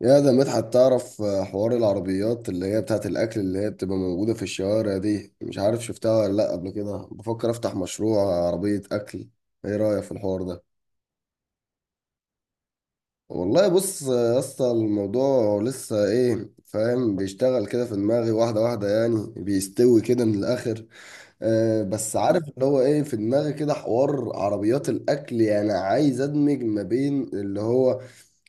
يا ده مدحت، تعرف، حوار العربيات اللي هي بتاعت الأكل اللي هي بتبقى موجودة في الشوارع دي. مش عارف شفتها ولا لأ قبل كده. بفكر أفتح مشروع عربية أكل. إيه رأيك في الحوار ده؟ والله بص يا اسطى، الموضوع لسه فاهم بيشتغل كده في دماغي واحدة واحدة، يعني بيستوي كده من الآخر. بس عارف اللي هو في دماغي كده حوار عربيات الأكل. يعني عايز أدمج ما بين اللي هو...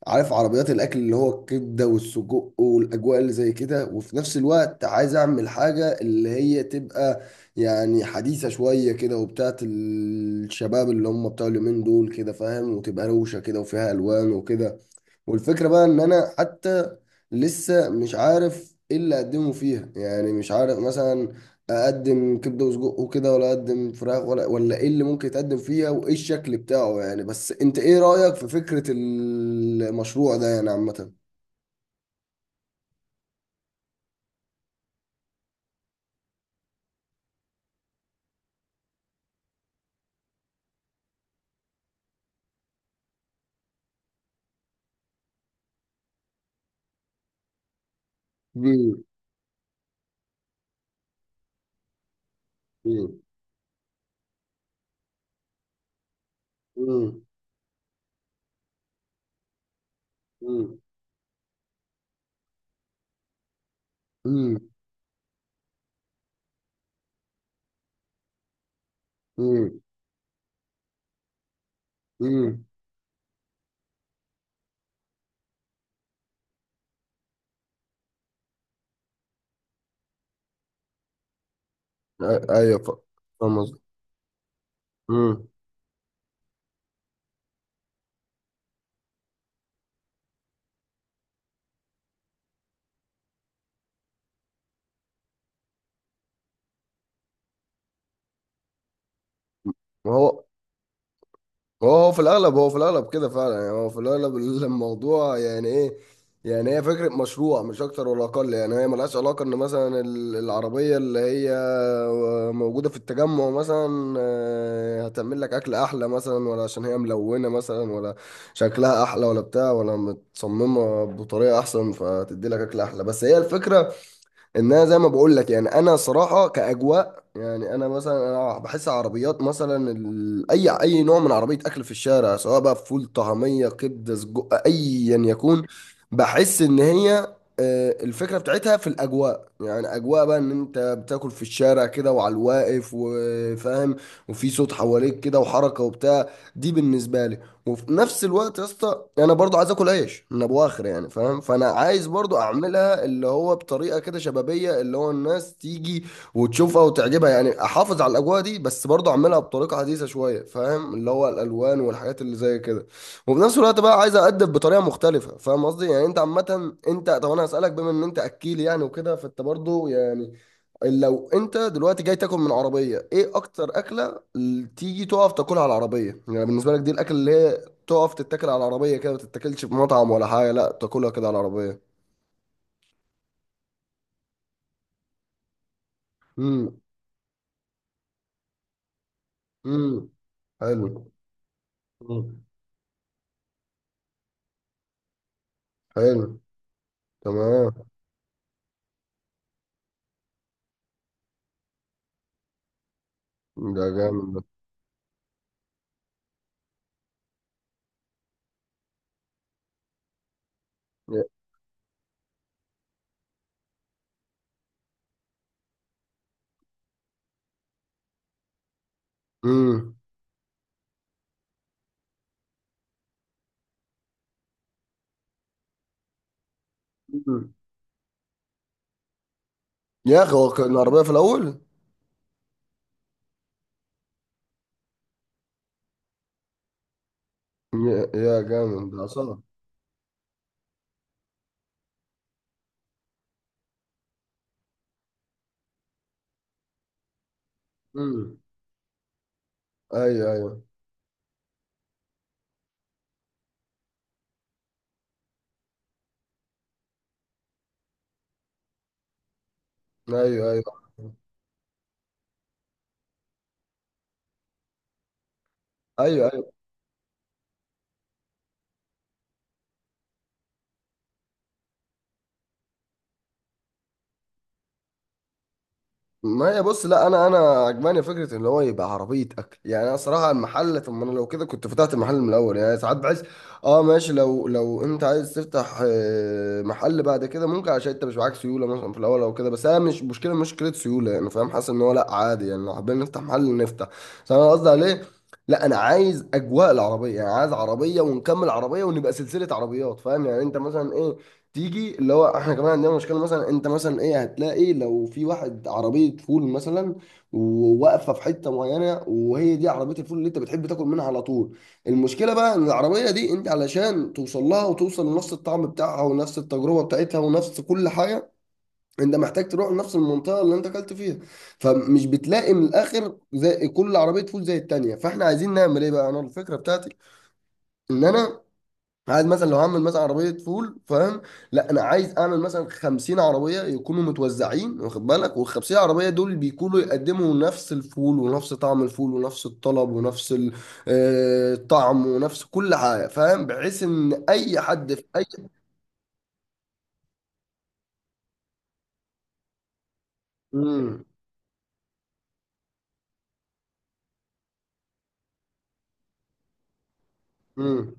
عارف عربيات الاكل اللي هو الكبده والسجق والاجواء اللي زي كده، وفي نفس الوقت عايز اعمل حاجه اللي هي تبقى يعني حديثه شويه كده وبتاعت الشباب اللي هم بتوع اليومين دول كده، فاهم، وتبقى روشه كده وفيها الوان وكده. والفكرة بقى ان انا حتى لسه مش عارف ايه اللي اقدمه فيها. يعني مش عارف مثلا اقدم كبدة وسجق وكده، ولا اقدم فراخ ولا ايه اللي ممكن يتقدم فيها وايه الشكل بتاعه. يعني بس انت ايه رأيك في فكرة المشروع ده يعني عامة؟ مم. مم. مم. مم. مم. مم. مم. ايوه. فاهم قصدي. مم. ما هو هو في الاغلب، هو في الاغلب كده فعلا. يعني هو في الاغلب، الموضوع يعني ايه، يعني هي فكره مشروع مش اكتر ولا اقل. يعني هي ملهاش علاقه ان مثلا العربيه اللي هي موجوده في التجمع مثلا هتعمل لك اكل احلى مثلا، ولا عشان هي ملونه مثلا، ولا شكلها احلى ولا بتاع، ولا متصممه بطريقه احسن فتدي لك اكل احلى. بس هي الفكره ان انا، زي ما بقول لك، يعني انا صراحه كاجواء. يعني انا مثلا، انا بحس عربيات مثلا اي نوع من عربيه اكل في الشارع، سواء بقى فول، طعميه، كبده، سجق، ايا يكون، بحس ان هي الفكره بتاعتها في الاجواء. يعني اجواء بقى ان انت بتاكل في الشارع كده وعلى الواقف، وفاهم، وفي صوت حواليك كده وحركه وبتاع. دي بالنسبه لي. وفي نفس الوقت يا اسطى، انا برضو عايز اكل عيش من ابو اخر، يعني فاهم. فانا عايز برضو اعملها اللي هو بطريقه كده شبابيه، اللي هو الناس تيجي وتشوفها وتعجبها. يعني احافظ على الاجواء دي، بس برضه اعملها بطريقه حديثه شويه، فاهم، اللي هو الالوان والحاجات اللي زي كده. وفي نفس الوقت بقى عايز اقدم بطريقه مختلفه، فاهم قصدي. يعني انت عامه، انت طب انا هسالك، بما ان انت اكيل يعني وكده، فانت برضه يعني، لو انت دلوقتي جاي تاكل من عربيه، ايه اكتر اكله اللي تيجي تقف تاكلها على العربيه؟ يعني بالنسبه لك، دي الاكل اللي هي تقف تتاكل على العربيه كده، ما تتاكلش في مطعم ولا حاجه، لا تاكلها كده على العربيه. امم. امم. حلو. مم. حلو. تمام. ده جامد. ده امم. يا اخي هو كان عربية في الاول. يا جامد ده اصلا. امم. ايوه ايوه. ايوه ايوه. ايوه. أيوه. ما هي بص، لا انا عجباني فكره ان هو يبقى عربيه اكل. يعني انا صراحه المحل، طب ما انا لو كده كنت فتحت المحل من الاول. يعني ساعات بحس، اه ماشي، لو انت عايز تفتح محل بعد كده، ممكن، عشان انت مش معاك سيوله مثلا في الاول او كده. بس انا مش مشكله سيوله يعني، فاهم. حاسس ان هو لا عادي يعني، لو حابين نفتح محل نفتح. بس انا قصدي عليه، لا انا عايز اجواء العربيه. يعني عايز عربيه ونكمل عربيه ونبقى سلسله عربيات، فاهم. يعني انت مثلا ايه تيجي اللي هو احنا كمان عندنا مشكله. مثلا انت مثلا ايه، هتلاقي لو في واحد عربيه فول مثلا، وواقفه في حته معينه، وهي دي عربيه الفول اللي انت بتحب تاكل منها على طول. المشكله بقى ان العربيه دي، انت علشان توصل لها وتوصل لنفس الطعم بتاعها ونفس التجربه بتاعتها ونفس كل حاجه، انت محتاج تروح لنفس المنطقه اللي انت اكلت فيها. فمش بتلاقي من الاخر زي كل عربيه فول زي التانيه. فاحنا عايزين نعمل ايه بقى؟ انا الفكره بتاعتي ان انا عايز مثلا، لو هعمل مثلا عربيه فول، فاهم، لا انا عايز اعمل مثلا 50 عربيه يكونوا متوزعين، واخد بالك، وال 50 عربيه دول بيكونوا يقدموا نفس الفول ونفس طعم الفول ونفس الطلب ونفس الطعم، ونفس كل حاجه، فاهم، بحيث ان اي حد في اي امم.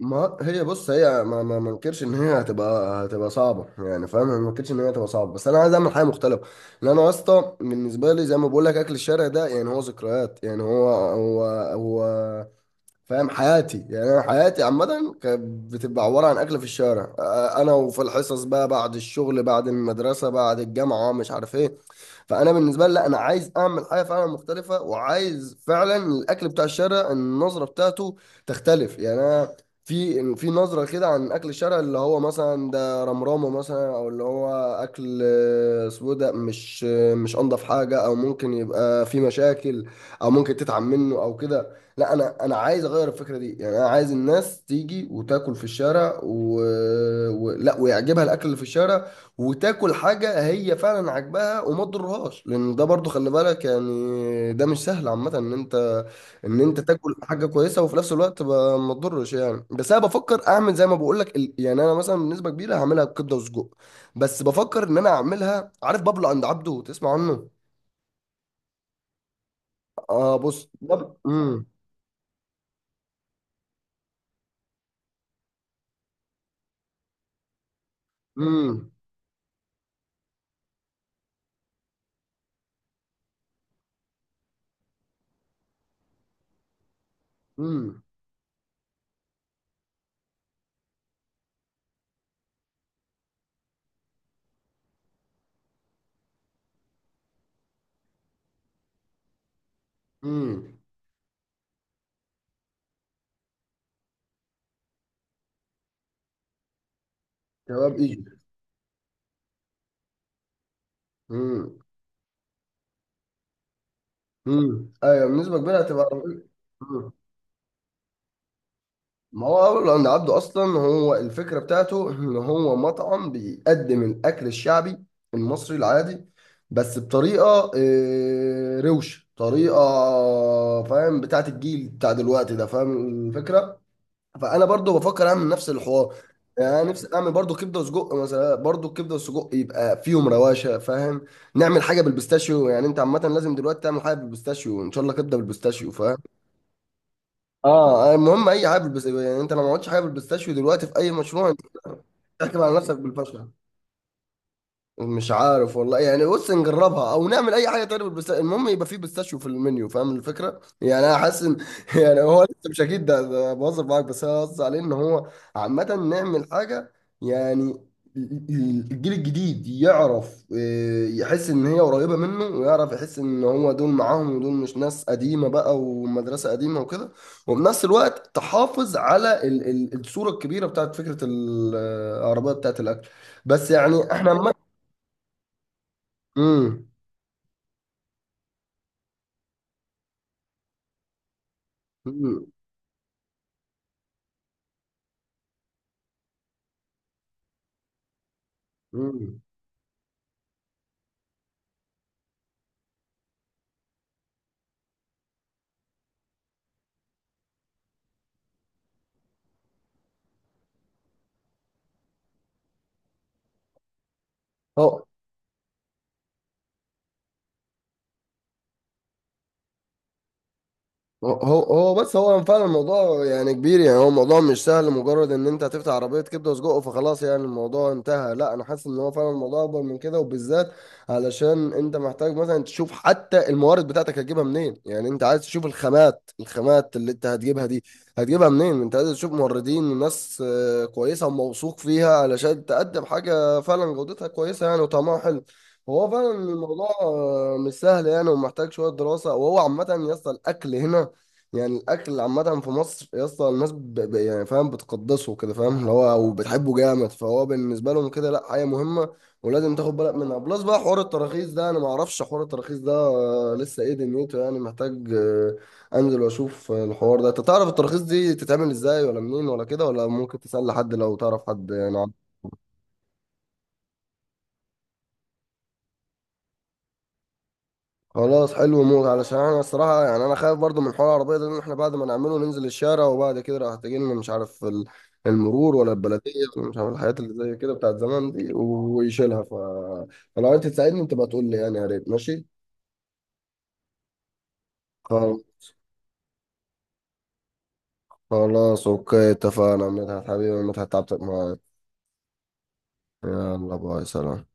ما هي بص، هي، ما انكرش ان هي هتبقى، هتبقى صعبه يعني، فاهم. أنا ما انكرش ان هي هتبقى صعبه، بس انا عايز اعمل حاجه مختلفه. لان انا يا اسطى، بالنسبه لي، زي ما بقول لك، اكل الشارع ده يعني هو ذكريات. يعني هو فاهم حياتي. يعني انا حياتي عامه كانت بتبقى عباره عن اكل في الشارع، انا وفي الحصص بقى، بعد الشغل، بعد المدرسه، بعد الجامعه، مش عارف ايه. فانا بالنسبه لي، لا، انا عايز اعمل حاجه فعلا مختلفه. وعايز فعلا الاكل بتاع الشارع، النظره بتاعته تختلف. يعني انا في نظره كده عن اكل الشارع، اللي هو مثلا ده رمرامه مثلا، او اللي هو اكل سودا، مش مش انضف حاجه، او ممكن يبقى في مشاكل، او ممكن تتعب منه، او كده. لا انا، انا عايز اغير الفكره دي. يعني انا عايز الناس تيجي وتاكل في الشارع، لا، ويعجبها الاكل اللي في الشارع، وتاكل حاجه هي فعلا عاجباها وما تضرهاش. لان ده برضو خلي بالك يعني، ده مش سهل عامه ان انت تاكل حاجه كويسه وفي نفس الوقت ما تضرش يعني. بس انا بفكر اعمل زي ما بقول لك، يعني انا مثلا بنسبه كبيره هعملها بكبده وسجق. بس بفكر ان انا اعملها عارف، بابلو عند عبده، تسمع عنه؟ اه بص، امم. امم. امم. امم. كباب ايجي. امم. امم، ايوه، بنسبه كبيره هتبقى. مم. ما هو أول عند عبده أصلا، هو الفكرة بتاعته إن هو مطعم بيقدم الأكل الشعبي المصري العادي، بس بطريقة روش، طريقة فاهم بتاعت الجيل بتاع دلوقتي ده، فاهم الفكرة. فأنا برضو بفكر أعمل نفس الحوار. يعني أنا نفسي أعمل برضو كبدة وسجق مثلا، برضو الكبدة والسجق يبقى فيهم رواشة، فاهم. نعمل حاجة بالبيستاشيو. يعني أنت عامة لازم دلوقتي تعمل حاجة بالبيستاشيو. إن شاء الله كبدة بالبيستاشيو، فاهم. المهم اي حاجه بالبس... يعني انت لو ما عملتش حاجه بالبيستاشيو دلوقتي في اي مشروع، انت بتحكم على نفسك بالفشل. مش عارف والله. يعني بص نجربها او نعمل اي حاجه تانية بالبستا، المهم يبقى فيه بيستاشيو في المنيو، فاهم الفكره. يعني انا حاسس ان يعني هو لسه مش اكيد ده، ده بهزر معاك. بس انا قصدي عليه ان هو عامه نعمل حاجه يعني الجيل الجديد يعرف، يحس ان هي قريبه منه، ويعرف يحس ان هو دول معاهم، ودول مش ناس قديمه بقى، ومدرسه قديمه وكده. وبنفس الوقت تحافظ على الصوره الكبيره بتاعت فكره العربيه بتاعت الاكل. بس يعني احنا امم. امم. امم. هو هو بس هو فعلا الموضوع يعني كبير. يعني هو الموضوع مش سهل مجرد ان انت هتفتح عربية كبدة وسجق فخلاص، يعني الموضوع انتهى. لا، انا حاسس ان هو فعلا الموضوع اكبر من كده، وبالذات علشان انت محتاج مثلا تشوف حتى الموارد بتاعتك هتجيبها منين. يعني انت عايز تشوف الخامات، الخامات اللي انت هتجيبها دي هتجيبها منين. انت عايز تشوف موردين وناس كويسة وموثوق فيها علشان تقدم حاجة فعلا جودتها كويسة يعني وطعمها حلو. هو فعلا الموضوع مش سهل يعني، ومحتاج شوية دراسة. وهو عامة يصل الأكل هنا. يعني الاكل عامه في مصر يا اسطى، الناس يعني فاهم بتقدسه كده، فاهم، اللي هو وبتحبه جامد. فهو بالنسبه لهم كده، لا، حاجه مهمه ولازم تاخد بالك منها. بلس بقى حوار التراخيص ده، انا ما اعرفش حوار التراخيص ده لسه ايه دنيته. يعني محتاج انزل واشوف الحوار ده. انت تعرف التراخيص دي تتعمل ازاي ولا منين ولا كده؟ ولا ممكن تسال حد لو تعرف حد يعني؟ خلاص حلو موت، علشان انا الصراحه يعني انا خايف برضو من حوار العربيه ده، لان احنا بعد ما نعمله ننزل الشارع وبعد كده راح تجي لنا مش عارف المرور ولا البلديه ولا مش عارف الحاجات اللي زي كده بتاعت زمان دي ويشيلها. فلو انت تساعدني انت بقى تقول لي، يعني يا ريت ماشي. خل- خلاص اوكي، اتفقنا يا مدحت حبيبي، يا مدحت تعبتك معايا. يلا باي سلام.